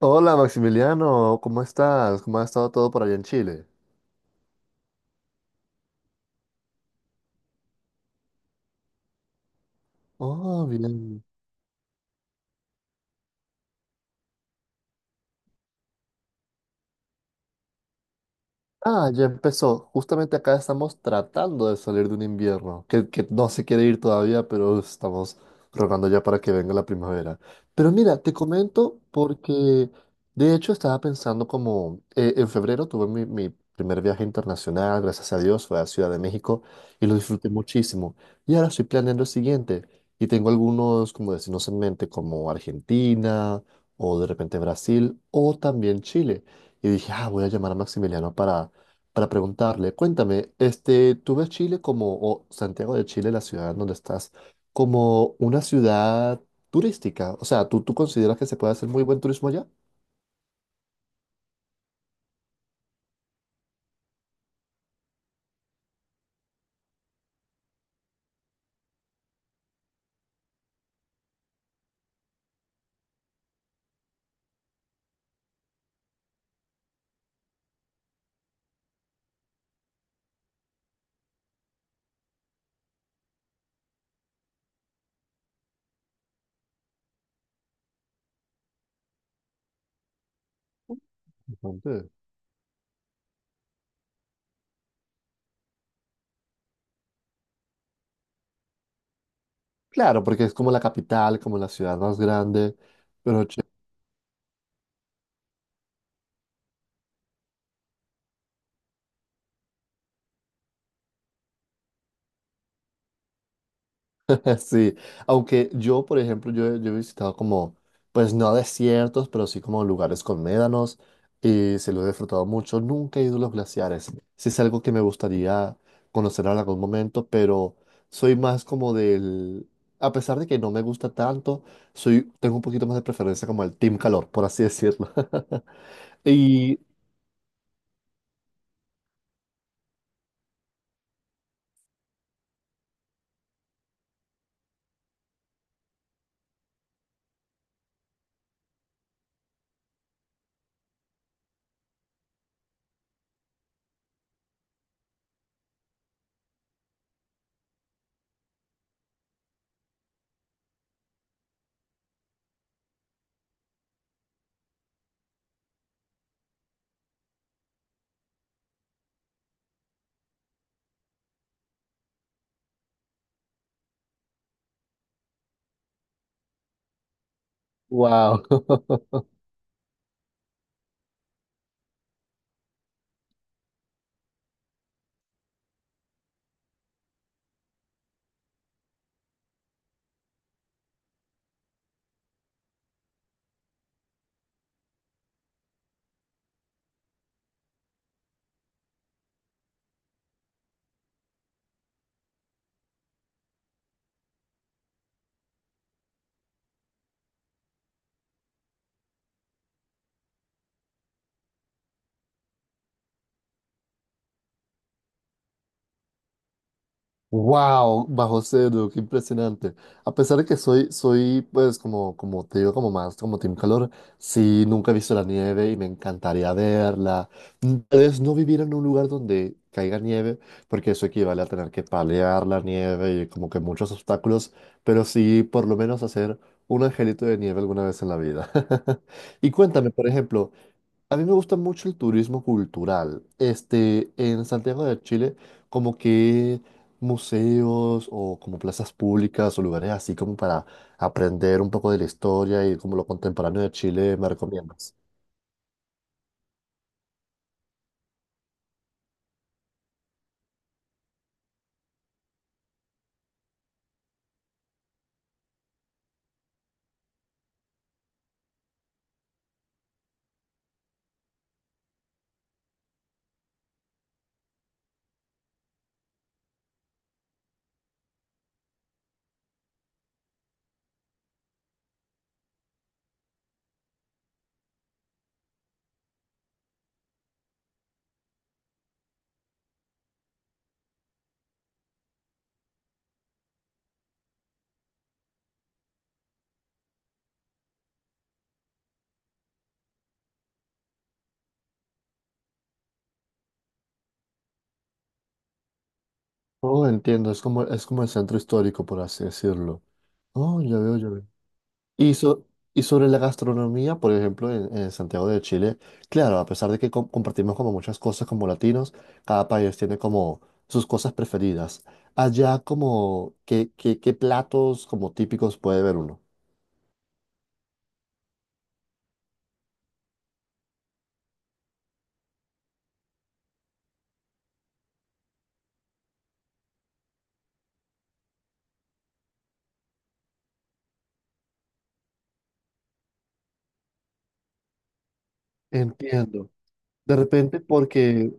Hola Maximiliano, ¿cómo estás? ¿Cómo ha estado todo por allá en Chile? Oh, bien. Ah, ya empezó. Justamente acá estamos tratando de salir de un invierno que no se quiere ir todavía, pero estamos rogando ya para que venga la primavera. Pero mira, te comento porque de hecho estaba pensando como en febrero tuve mi primer viaje internacional, gracias a Dios, fue a Ciudad de México y lo disfruté muchísimo. Y ahora estoy planeando el siguiente y tengo algunos como destinos en mente como Argentina o de repente Brasil o también Chile. Y dije, ah, voy a llamar a Maximiliano para preguntarle, cuéntame, este, ¿tú ves Chile como, o Santiago de Chile, la ciudad en donde estás, como una ciudad turística? O sea, ¿tú consideras que se puede hacer muy buen turismo allá? Bastante. Claro, porque es como la capital, como la ciudad más grande, pero sí, aunque yo, por ejemplo, yo he visitado como, pues no desiertos, pero sí como lugares con médanos y se lo he disfrutado mucho. Nunca he ido a los glaciares. Sí es algo que me gustaría conocer en algún momento, pero soy más como del, a pesar de que no me gusta tanto, soy, tengo un poquito más de preferencia como el team calor, por así decirlo. Y, wow. Wow, bajo cero, qué impresionante. A pesar de que soy, pues, como, como te digo, como más, como Team Calor, sí, nunca he visto la nieve y me encantaría verla. Mm, tal vez no vivir en un lugar donde caiga nieve, porque eso equivale a tener que palear la nieve y como que muchos obstáculos, pero sí, por lo menos hacer un angelito de nieve alguna vez en la vida. Y cuéntame, por ejemplo, a mí me gusta mucho el turismo cultural. Este, en Santiago de Chile, como que museos o como plazas públicas o lugares así como para aprender un poco de la historia y como lo contemporáneo de Chile, ¿me recomiendas? Oh, entiendo, es como el centro histórico, por así decirlo. Oh, ya veo, ya veo. Y, y sobre la gastronomía, por ejemplo, en Santiago de Chile, claro, a pesar de que compartimos como muchas cosas como latinos, cada país tiene como sus cosas preferidas. Allá como, ¿qué platos como típicos puede ver uno? Entiendo. De repente porque,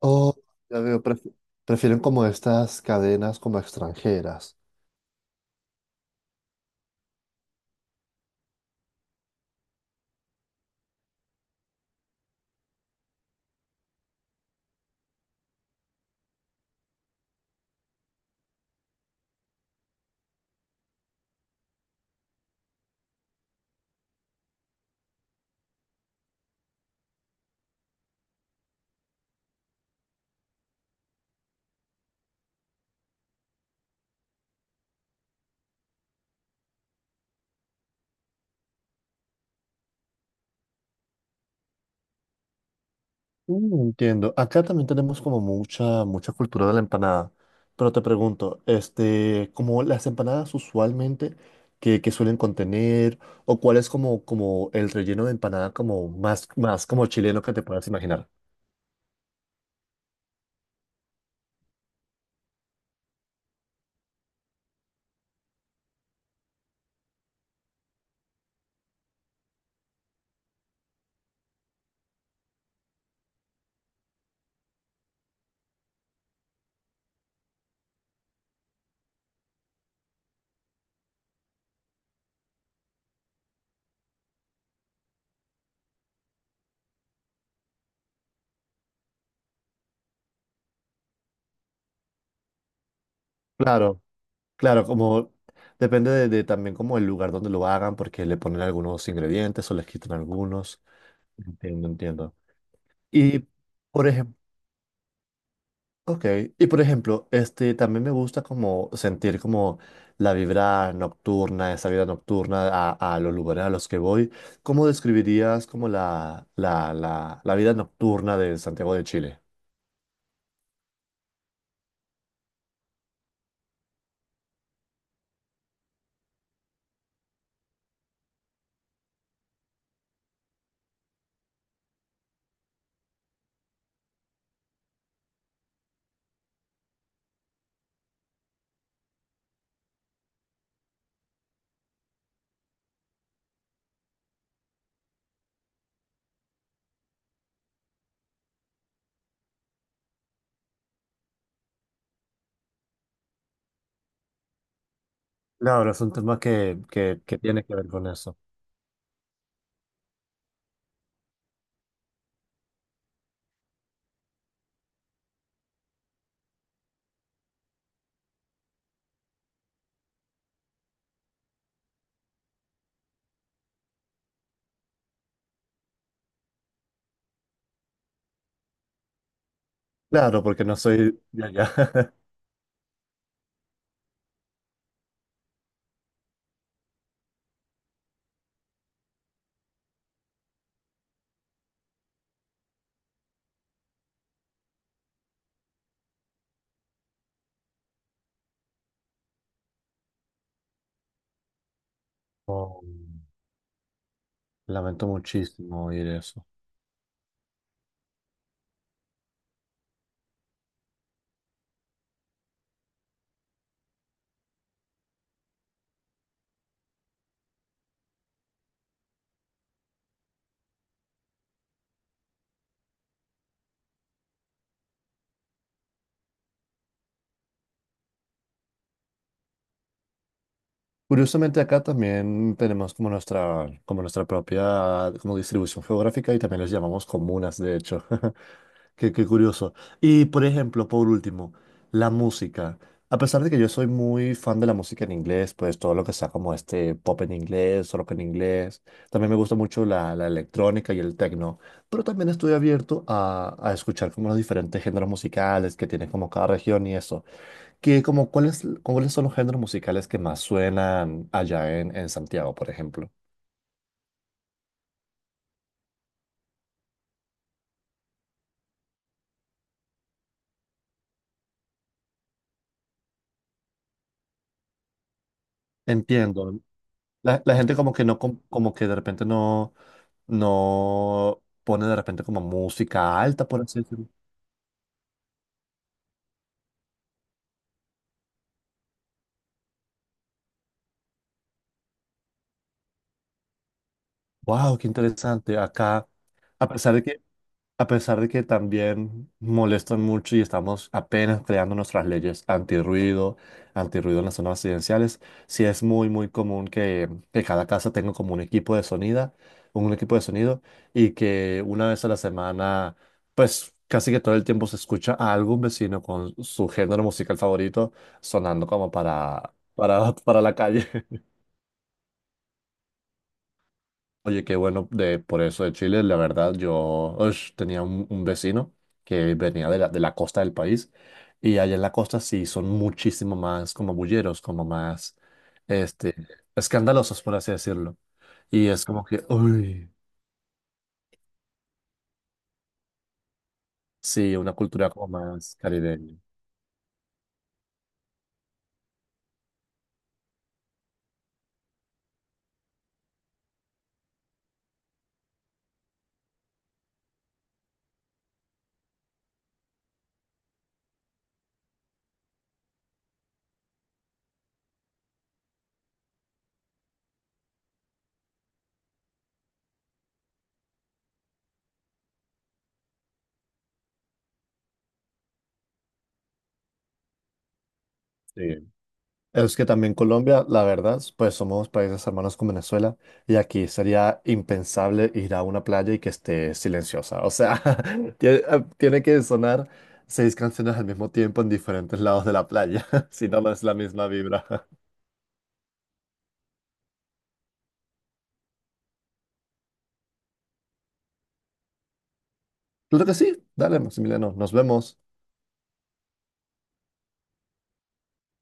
oh, ya veo, prefieren como estas cadenas como extranjeras. Mm, entiendo. Acá también tenemos como mucha, mucha cultura de la empanada. Pero te pregunto, este, como las empanadas usualmente que suelen contener, o cuál es como, como el relleno de empanada como más, más como chileno que te puedas imaginar. Claro, claro, como depende de también como el lugar donde lo hagan, porque le ponen algunos ingredientes o les quitan algunos. Entiendo, entiendo. Y por ejemplo, ok, y por ejemplo, este, también me gusta como sentir como la vibra nocturna, esa vida nocturna a los lugares a los que voy. ¿Cómo describirías como la vida nocturna de Santiago de Chile? Claro, es un tema que tiene que ver con eso. Claro, porque no soy de allá. Oh, lamento muchísimo oír eso. Curiosamente acá también tenemos como nuestra propia como distribución geográfica y también les llamamos comunas, de hecho. Qué, qué curioso. Y por ejemplo, por último, la música. A pesar de que yo soy muy fan de la música en inglés, pues todo lo que sea como este pop en inglés, rock en inglés, también me gusta mucho la, la electrónica y el techno, pero también estoy abierto a escuchar como los diferentes géneros musicales que tiene como cada región y eso que como cuáles, cuáles son los géneros musicales que más suenan allá en Santiago, por ejemplo. Entiendo. La gente como que no, como que de repente no, no pone de repente como música alta, por así decirlo. Wow, qué interesante. Acá, a pesar de que, a pesar de que también molestan mucho y estamos apenas creando nuestras leyes antirruido, antirruido en las zonas residenciales, sí es muy, muy común que cada casa tenga como un equipo de sonido, un equipo de sonido, y que una vez a la semana, pues casi que todo el tiempo se escucha a algún vecino con su género musical favorito sonando como para la calle. Oye, qué bueno de, por eso de Chile. La verdad, yo ush, tenía un vecino que venía de la costa del país y allá en la costa sí son muchísimo más como bulleros, como más este, escandalosos, por así decirlo. Y es como que, uy, sí, una cultura como más caribeña. Sí. Es que también Colombia, la verdad, pues somos países hermanos con Venezuela y aquí sería impensable ir a una playa y que esté silenciosa. O sea, tiene que sonar seis canciones al mismo tiempo en diferentes lados de la playa, si no, no es la misma vibra. Claro que sí, dale, Maximiliano, nos vemos.